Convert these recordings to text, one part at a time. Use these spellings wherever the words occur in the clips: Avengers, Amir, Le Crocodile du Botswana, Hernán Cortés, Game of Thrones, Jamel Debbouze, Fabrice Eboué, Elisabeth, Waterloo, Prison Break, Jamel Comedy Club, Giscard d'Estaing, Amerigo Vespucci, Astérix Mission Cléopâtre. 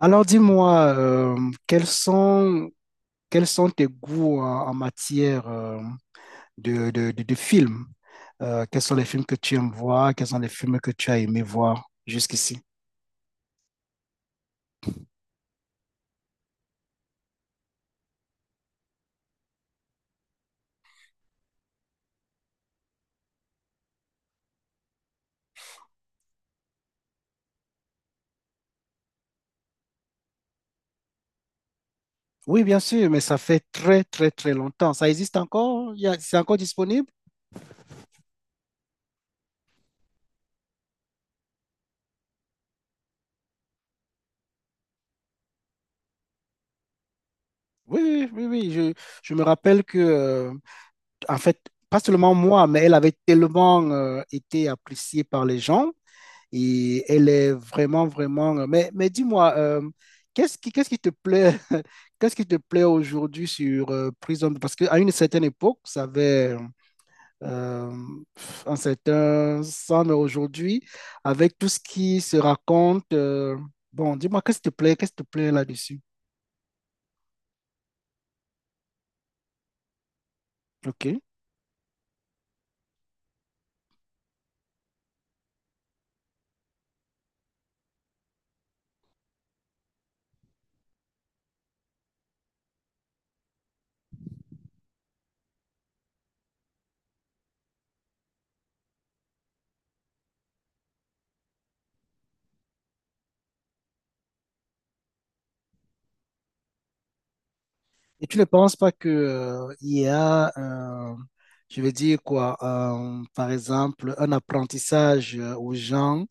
Alors dis-moi, quels sont, quels sont tes goûts en matière de films? Quels sont les films que tu aimes voir? Quels sont les films que tu as aimé voir jusqu'ici? Oui, bien sûr, mais ça fait très, très, très longtemps. Ça existe encore? C'est encore disponible? Oui, oui, oui, oui. Je me rappelle que, en fait, pas seulement moi, mais elle avait tellement été appréciée par les gens. Et elle est vraiment, vraiment. Mais dis-moi, qu'est-ce qui te plaît, qu'est-ce qui te plaît aujourd'hui sur Prison? Parce qu'à une certaine époque, ça avait euh, un certain sens, mais aujourd'hui, avec tout ce qui se raconte, bon, dis-moi, qu'est-ce qui te plaît, qu'est-ce qui te plaît là-dessus? OK. Et tu ne penses pas que il y a, je vais dire quoi, par exemple, un apprentissage aux gens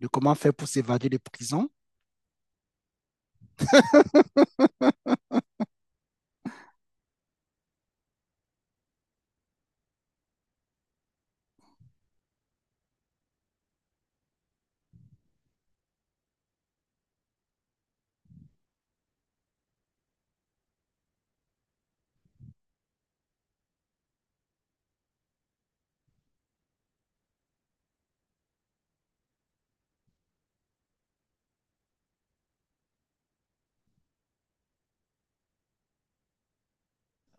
de comment faire pour s'évader des prisons?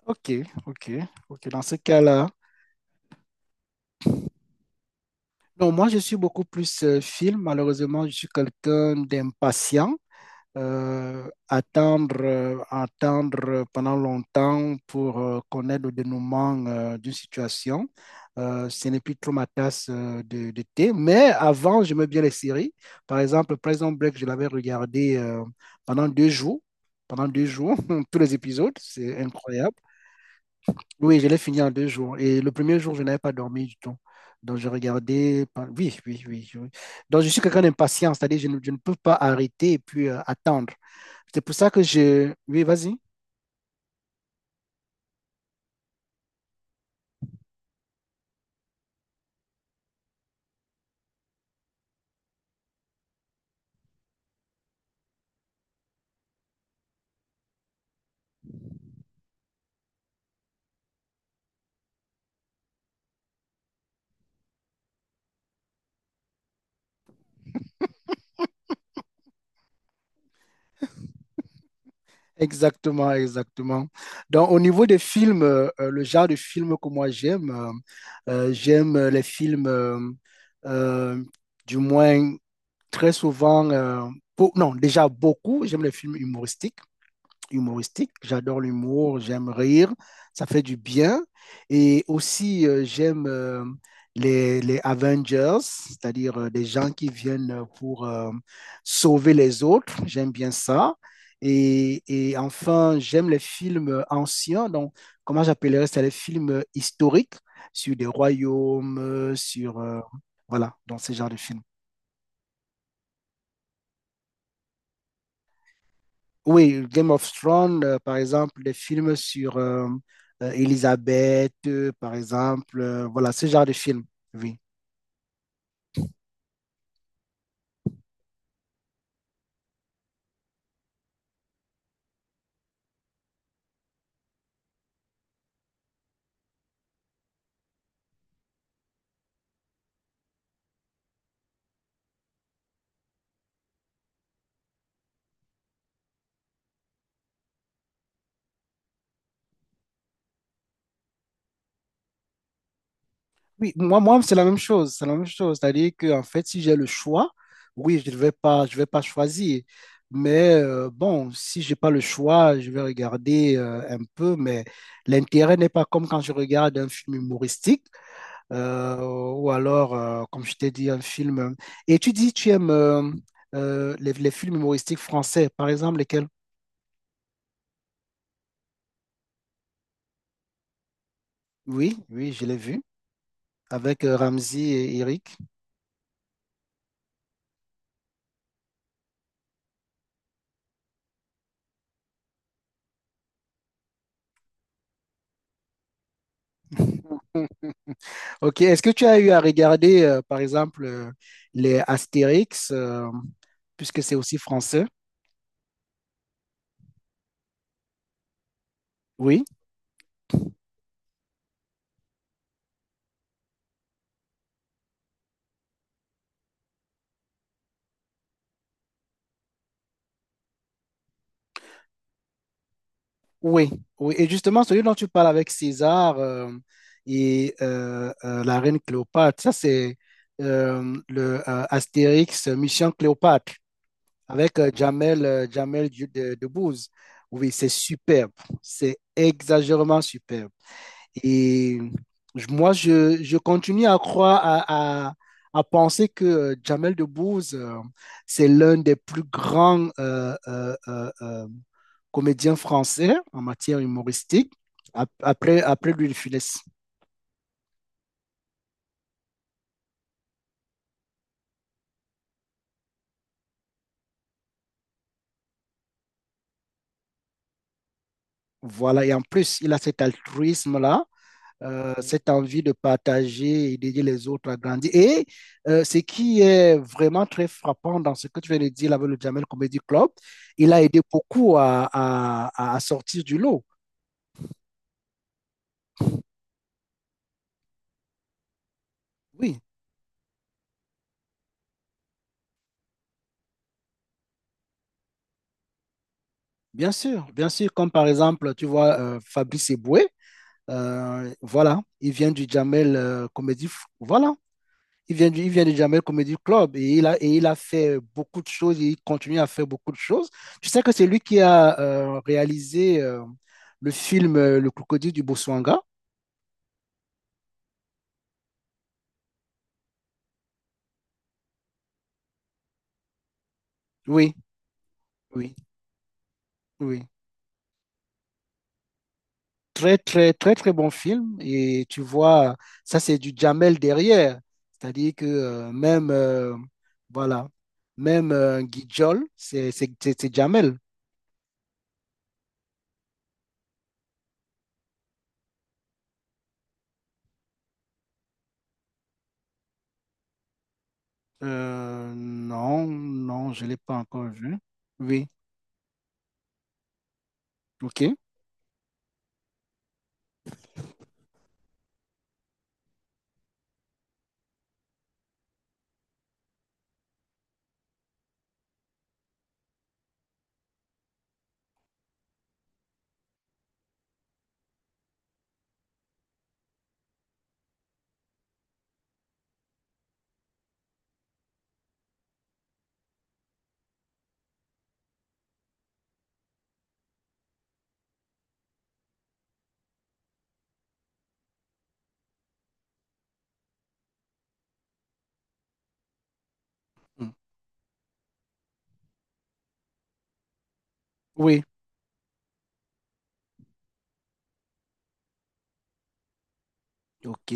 Ok, ok, ok. Dans ce cas-là, non, moi je suis beaucoup plus film. Malheureusement, je suis quelqu'un d'impatient. Attendre pendant longtemps pour connaître le dénouement d'une situation. Ce n'est plus trop ma tasse de thé. Mais avant, j'aimais bien les séries. Par exemple, Prison Break, je l'avais regardé pendant deux jours. Pendant deux jours, tous les épisodes, c'est incroyable. Oui, je l'ai fini en deux jours. Et le premier jour, je n'avais pas dormi du tout. Donc, je regardais. Oui, oui, oui. oui. Donc, je suis quelqu'un d'impatient, c'est-à-dire je ne peux pas arrêter et puis attendre. C'est pour ça que je... Oui, vas-y. Exactement, exactement. Donc, au niveau des films, le genre de films que moi j'aime, j'aime les films, euh, du moins très souvent, beau- non, déjà beaucoup, j'aime les films humoristiques. Humoristique. J'adore l'humour, j'aime rire, ça fait du bien. Et aussi, j'aime les Avengers, c'est-à-dire des gens qui viennent pour sauver les autres. J'aime bien ça. Et enfin, j'aime les films anciens, donc comment j'appellerais ça, les films historiques sur des royaumes, voilà, dans ce genre de films. Oui, Game of Thrones, par exemple, les films sur Elisabeth, par exemple, voilà, ce genre de films, oui. Oui, moi, c'est la même chose. C'est la même chose. C'est-à-dire que, en fait, si j'ai le choix, oui, je vais pas choisir. Mais bon, si j'ai pas le choix, je vais regarder un peu. Mais l'intérêt n'est pas comme quand je regarde un film humoristique ou alors, comme je t'ai dit, un film. Et tu dis, tu aimes les films humoristiques français, par exemple, lesquels? Oui, oui, je l'ai vu avec Ramzy et Eric. Ok, est-ce que tu as eu à regarder, par exemple, les Astérix, puisque c'est aussi français? Oui. Oui, oui. Et justement, celui dont tu parles avec César la reine Cléopâtre, ça c'est le Astérix Mission Cléopâtre. Avec Jamel, Debbouze. Oui, c'est superbe, c'est exagérément superbe. Et je continue à croire, à penser que Jamel Debbouze, c'est l'un des plus grands comédiens français en matière humoristique, après Louis de Funès. Voilà, et en plus, il a cet altruisme-là cette envie de partager et d'aider les autres à grandir. Et ce qui est vraiment très frappant dans ce que tu viens de dire là, avec le Jamel Comedy Club, il a aidé beaucoup à sortir du lot. Oui, bien sûr, comme par exemple, tu vois, Fabrice Eboué, voilà, il vient du Jamel Comedy, voilà. Il vient du Jamel Comedy Club et il a fait beaucoup de choses et il continue à faire beaucoup de choses. Tu sais que c'est lui qui a réalisé le film Le Crocodile du Botswana. Oui, oui, oui. Très, très, très, très bon film. Et tu vois, ça, c'est du Jamel derrière. C'est-à-dire que même, voilà, même Guijol, c'est Jamel. Non, non, je ne l'ai pas encore vu. Oui, ok. Mm. Oui, Ok.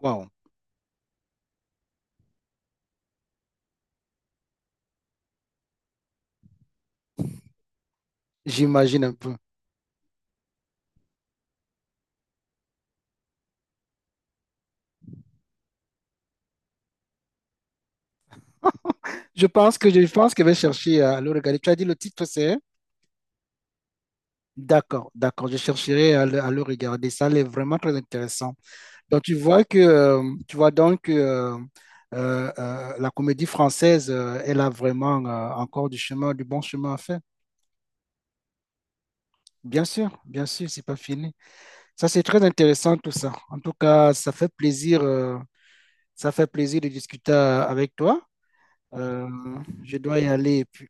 Wow. J'imagine un peu. Je pense que je vais chercher à le regarder. Tu as dit le titre, c'est? D'accord, d'accord. Je chercherai à le regarder. Ça elle vraiment très intéressant. Donc tu vois que tu vois donc que la comédie française, elle a vraiment encore du chemin, du bon chemin à faire. Bien sûr, c'est pas fini. Ça, c'est très intéressant tout ça. En tout cas, ça fait plaisir de discuter avec toi. Euh, je dois y aller et puis.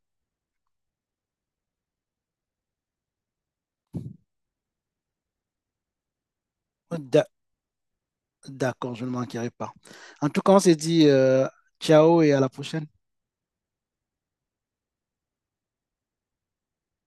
D'accord, je ne manquerai pas. En tout cas, on se dit ciao et à la prochaine.